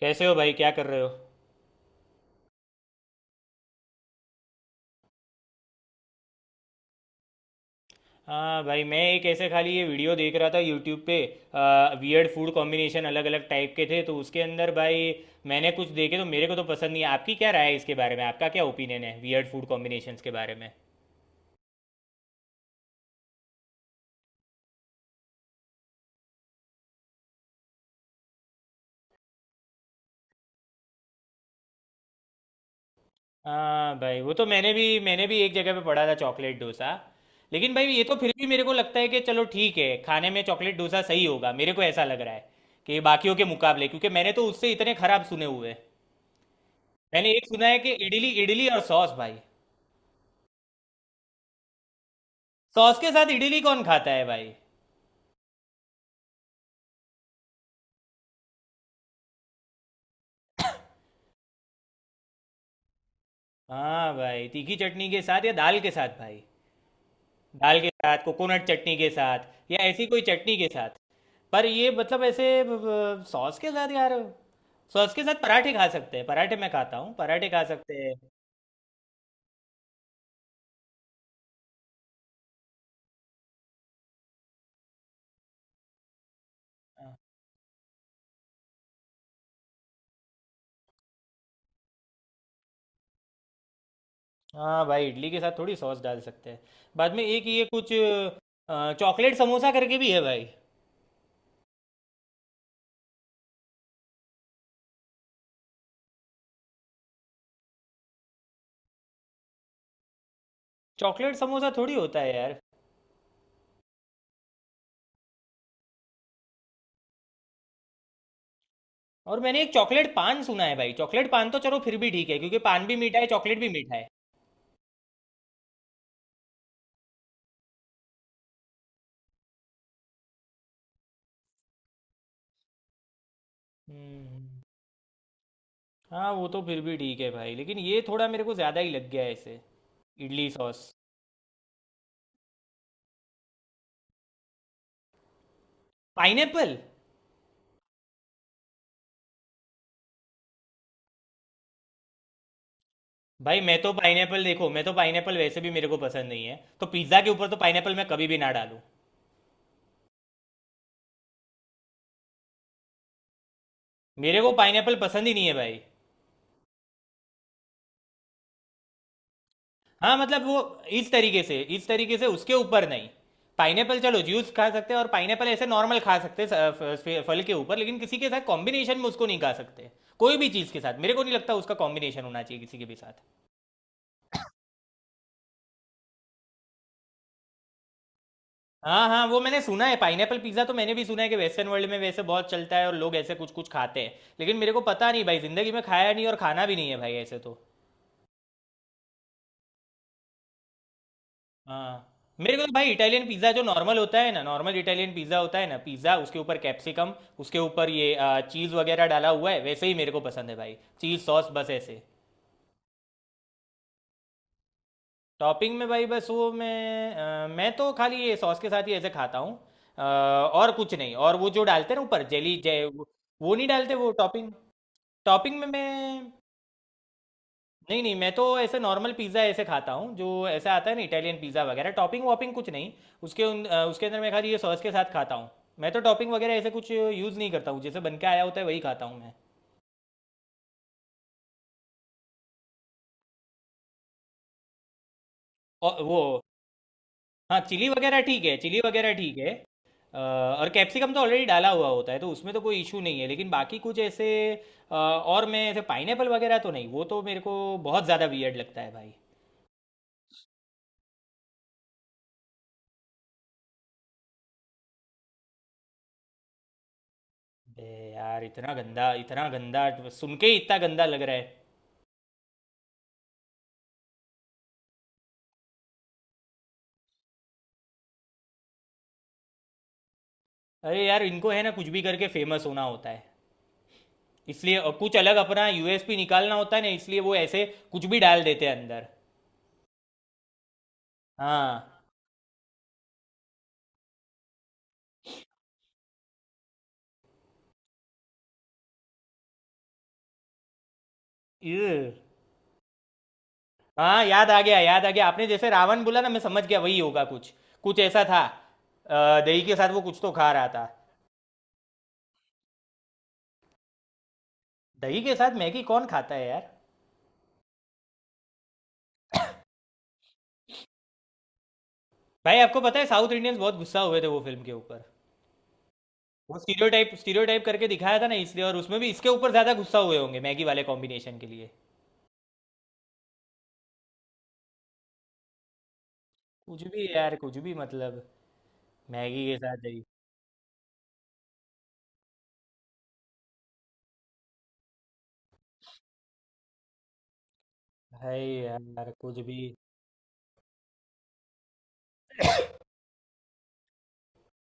कैसे हो भाई, क्या कर रहे हो? हाँ भाई, मैं एक ऐसे खाली ये वीडियो देख रहा था यूट्यूब पे। वियर्ड फूड कॉम्बिनेशन अलग अलग टाइप के थे तो उसके अंदर भाई मैंने कुछ देखे तो मेरे को तो पसंद नहीं है। आपकी क्या राय है इसके बारे में? आपका क्या ओपिनियन है वियर्ड फूड कॉम्बिनेशंस के बारे में? हाँ भाई, वो तो मैंने भी एक जगह पे पढ़ा था चॉकलेट डोसा। लेकिन भाई ये तो फिर भी मेरे को लगता है कि चलो ठीक है, खाने में चॉकलेट डोसा सही होगा, मेरे को ऐसा लग रहा है कि बाकियों के मुकाबले, क्योंकि मैंने तो उससे इतने खराब सुने हुए हैं। मैंने एक सुना है कि इडली, इडली और सॉस भाई। सॉस के साथ इडली कौन खाता है भाई? हाँ भाई, तीखी चटनी के साथ या दाल के साथ भाई। दाल के साथ, कोकोनट चटनी के साथ या ऐसी कोई चटनी के साथ। पर ये मतलब ऐसे सॉस के साथ यार? सॉस के साथ पराठे खा सकते हैं, पराठे मैं खाता हूँ, पराठे खा सकते हैं। हाँ भाई, इडली के साथ थोड़ी सॉस डाल सकते हैं। बाद में एक ये कुछ चॉकलेट समोसा करके भी है भाई। चॉकलेट समोसा थोड़ी होता है यार। और मैंने एक चॉकलेट पान सुना है भाई। चॉकलेट पान तो चलो फिर भी ठीक है, क्योंकि पान भी मीठा है, चॉकलेट भी मीठा है। हम्म। हाँ वो तो फिर भी ठीक है भाई, लेकिन ये थोड़ा मेरे को ज़्यादा ही लग गया है इसे, इडली सॉस। पाइनएप्पल? भाई मैं तो पाइनएप्पल, देखो मैं तो पाइनएप्पल वैसे भी मेरे को पसंद नहीं है, तो पिज़्ज़ा के ऊपर तो पाइनएप्पल मैं कभी भी ना डालूँ। मेरे को पाइनएप्पल पसंद ही नहीं है भाई। हाँ मतलब वो इस तरीके से, इस तरीके से उसके ऊपर नहीं। पाइनएप्पल चलो जूस खा सकते हैं, और पाइनएप्पल ऐसे नॉर्मल खा सकते हैं, फल के ऊपर, लेकिन किसी के साथ कॉम्बिनेशन में उसको नहीं खा सकते। कोई भी चीज़ के साथ मेरे को नहीं लगता उसका कॉम्बिनेशन होना चाहिए किसी के भी साथ। हाँ हाँ, वो मैंने सुना है पाइनएपल पिज्ज़ा तो मैंने भी सुना है कि वेस्टर्न वर्ल्ड में वैसे बहुत चलता है और लोग ऐसे कुछ कुछ खाते हैं। लेकिन मेरे को पता नहीं भाई, ज़िंदगी में खाया नहीं और खाना भी नहीं है भाई ऐसे तो। हाँ। मेरे को तो भाई इटालियन पिज़्ज़ा जो नॉर्मल होता है ना, नॉर्मल इटालियन पिज़्ज़ा होता है ना पिज़्ज़ा, उसके ऊपर कैप्सिकम, उसके ऊपर ये चीज़ वगैरह डाला हुआ है वैसे ही मेरे को पसंद है भाई। चीज़ सॉस, बस ऐसे। टॉपिंग में भाई बस वो मैं मैं तो खाली ये सॉस के साथ ही ऐसे खाता हूँ। और कुछ नहीं। और वो जो डालते हैं ना ऊपर, जेली जय वो नहीं डालते वो टॉपिंग। टॉपिंग में मैं, नहीं नहीं, मैं तो ऐसे नॉर्मल पिज़्ज़ा ऐसे खाता हूँ जो ऐसा आता है ना, इटालियन पिज़्ज़ा वगैरह, टॉपिंग वॉपिंग कुछ नहीं। उसके अंदर मैं खाली ये सॉस के साथ खाता हूँ। मैं तो टॉपिंग वगैरह ऐसे कुछ यूज़ नहीं करता हूँ, जैसे बन के आया होता है वही खाता हूँ मैं। और वो, हाँ चिली वगैरह ठीक है, चिली वगैरह ठीक है। और कैप्सिकम तो ऑलरेडी डाला हुआ होता है तो उसमें तो कोई इशू नहीं है, लेकिन बाकी कुछ ऐसे और मैं ऐसे पाइनएपल वगैरह तो नहीं, वो तो मेरे को बहुत ज़्यादा वियर्ड लगता है भाई। बे, यार इतना गंदा, इतना गंदा। सुन के ही इतना गंदा लग रहा है। अरे यार, इनको है ना कुछ भी करके फेमस होना होता है, इसलिए कुछ अलग अपना यूएसपी निकालना होता है ना, इसलिए वो ऐसे कुछ भी डाल देते हैं अंदर। हाँ। इर, हाँ याद आ गया, याद आ गया, आपने जैसे रावण बोला ना मैं समझ गया वही होगा कुछ, कुछ ऐसा था। दही के साथ वो कुछ तो खा रहा था। दही के साथ मैगी कौन खाता है यार? भाई आपको पता है साउथ इंडियंस बहुत गुस्सा हुए थे वो फिल्म के ऊपर। वो स्टीरियोटाइप, स्टीरियोटाइप करके दिखाया था ना इसलिए, और उसमें भी इसके ऊपर ज्यादा गुस्सा हुए होंगे मैगी वाले कॉम्बिनेशन के लिए। कुछ भी यार, कुछ भी मतलब। मैगी के साथ दही। भाई यार, कुछ भी।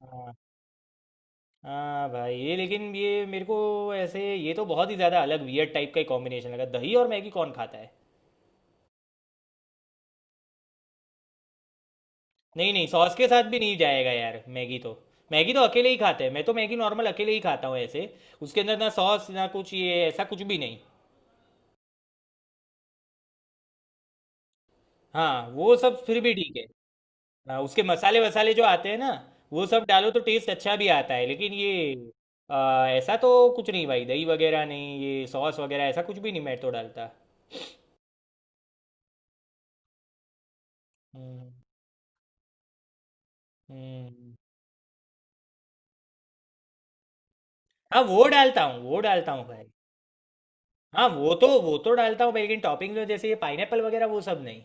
हाँ। हाँ भाई, ये लेकिन ये मेरे को ऐसे, ये तो बहुत ही ज़्यादा अलग वियर्ड टाइप का कॉम्बिनेशन लगा। दही और मैगी कौन खाता है? नहीं नहीं, सॉस के साथ भी नहीं जाएगा यार मैगी तो। मैगी तो अकेले ही खाते हैं, मैं तो मैगी नॉर्मल अकेले ही खाता हूँ ऐसे। उसके अंदर ना सॉस, ना कुछ, ये ऐसा कुछ भी नहीं। हाँ, वो सब फिर भी ठीक है। हाँ, उसके मसाले वसाले जो आते हैं ना, वो सब डालो तो टेस्ट अच्छा भी आता है, लेकिन ये ऐसा तो कुछ नहीं भाई, दही वगैरह नहीं, ये सॉस वगैरह ऐसा कुछ भी नहीं मैं तो डालता। हम्म। हम्म। हाँ वो डालता हूँ, वो डालता हूँ भाई। हाँ वो तो, वो तो डालता हूँ भाई, लेकिन टॉपिंग में जैसे ये पाइनएप्पल वगैरह वो सब नहीं।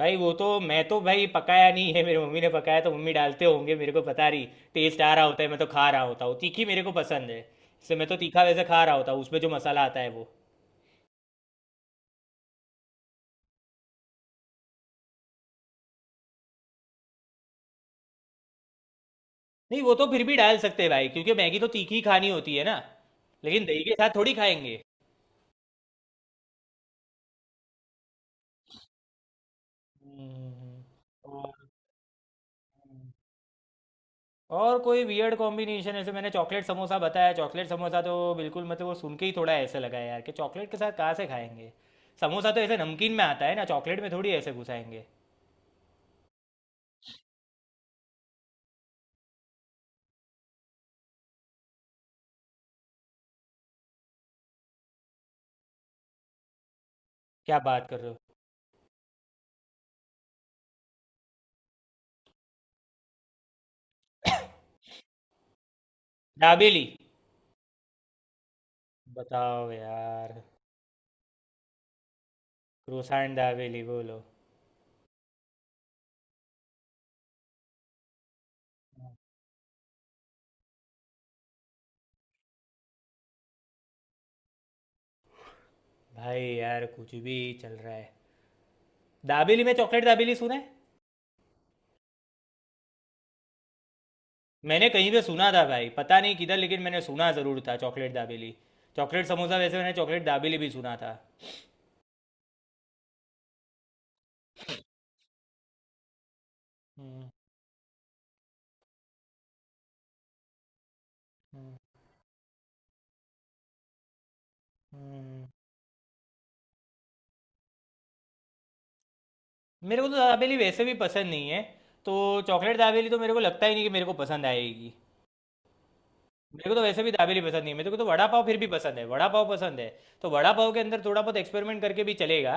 भाई वो तो मैं तो भाई पकाया नहीं है, मेरी मम्मी ने पकाया तो मम्मी डालते होंगे, मेरे को पता नहीं। टेस्ट आ रहा होता है, मैं तो खा रहा होता हूँ। तीखी मेरे को पसंद है, इससे मैं तो तीखा वैसे खा रहा होता हूँ, उसमें जो मसाला आता है वो। नहीं वो तो फिर भी डाल सकते हैं भाई, क्योंकि मैगी तो तीखी ही खानी होती है ना। लेकिन दही के साथ थोड़ी खाएंगे। हम्म। और और कोई वियर्ड कॉम्बिनेशन ऐसे मैंने चॉकलेट समोसा बताया। चॉकलेट समोसा तो बिल्कुल, मतलब वो सुन के ही थोड़ा ऐसे लगा यार कि चॉकलेट के साथ कहाँ से खाएंगे? समोसा तो ऐसे नमकीन में आता है ना, चॉकलेट में थोड़ी ऐसे घुसाएंगे। क्या बात कर रहे हो? दाबेली? बताओ यार, क्रोसान दाबेली बोलो। भाई यार, कुछ भी चल रहा है। दाबेली में चॉकलेट, दाबेली सुना है। मैंने कहीं पे सुना था भाई, पता नहीं किधर, लेकिन मैंने सुना ज़रूर था चॉकलेट दाबेली। चॉकलेट समोसा, वैसे मैंने चॉकलेट दाबेली भी सुना था। हम्म। हम्म। हम्म। मेरे को तो दाबेली वैसे भी पसंद नहीं है, तो चॉकलेट दाबेली तो मेरे को लगता ही नहीं कि मेरे को पसंद आएगी। मेरे को तो वैसे भी दाबेली पसंद नहीं है, मेरे को तो वड़ा पाव फिर भी पसंद है, वड़ा पाव पसंद है। तो वड़ा पाव के अंदर थोड़ा बहुत एक्सपेरिमेंट करके भी चलेगा।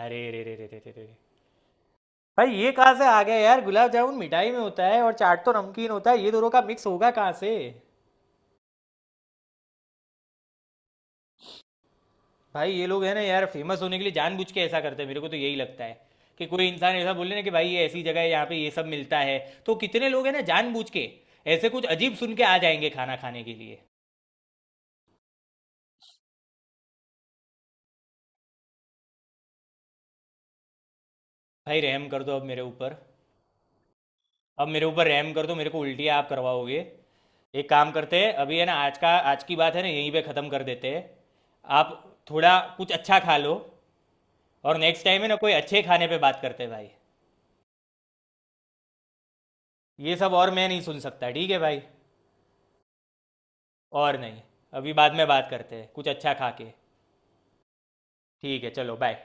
अरे रे रे रे रे रे रे रे। भाई ये कहाँ से आ गया यार? गुलाब जामुन मिठाई में होता है और चाट तो नमकीन होता है, ये दोनों का मिक्स होगा कहाँ से? भाई ये लोग है ना यार, फेमस होने के लिए जानबूझ के ऐसा करते हैं, मेरे को तो यही लगता है। कि कोई इंसान ऐसा बोले ना कि भाई ये ऐसी जगह है, यहाँ पे ये सब मिलता है, तो कितने लोग हैं ना जानबूझ के ऐसे कुछ अजीब सुन के आ जाएंगे खाना खाने के लिए। भाई रहम कर दो अब मेरे ऊपर। अब मेरे ऊपर रहम कर दो, मेरे को उल्टियाँ आप करवाओगे। एक काम करते हैं, अभी है ना आज का, आज की बात है ना यहीं पे ख़त्म कर देते हैं। आप थोड़ा कुछ अच्छा खा लो, और नेक्स्ट टाइम है ना कोई अच्छे खाने पे बात करते हैं भाई। ये सब और मैं नहीं सुन सकता, ठीक है भाई। और नहीं, अभी बाद में बात करते हैं कुछ अच्छा खा के। ठीक है, चलो बाय।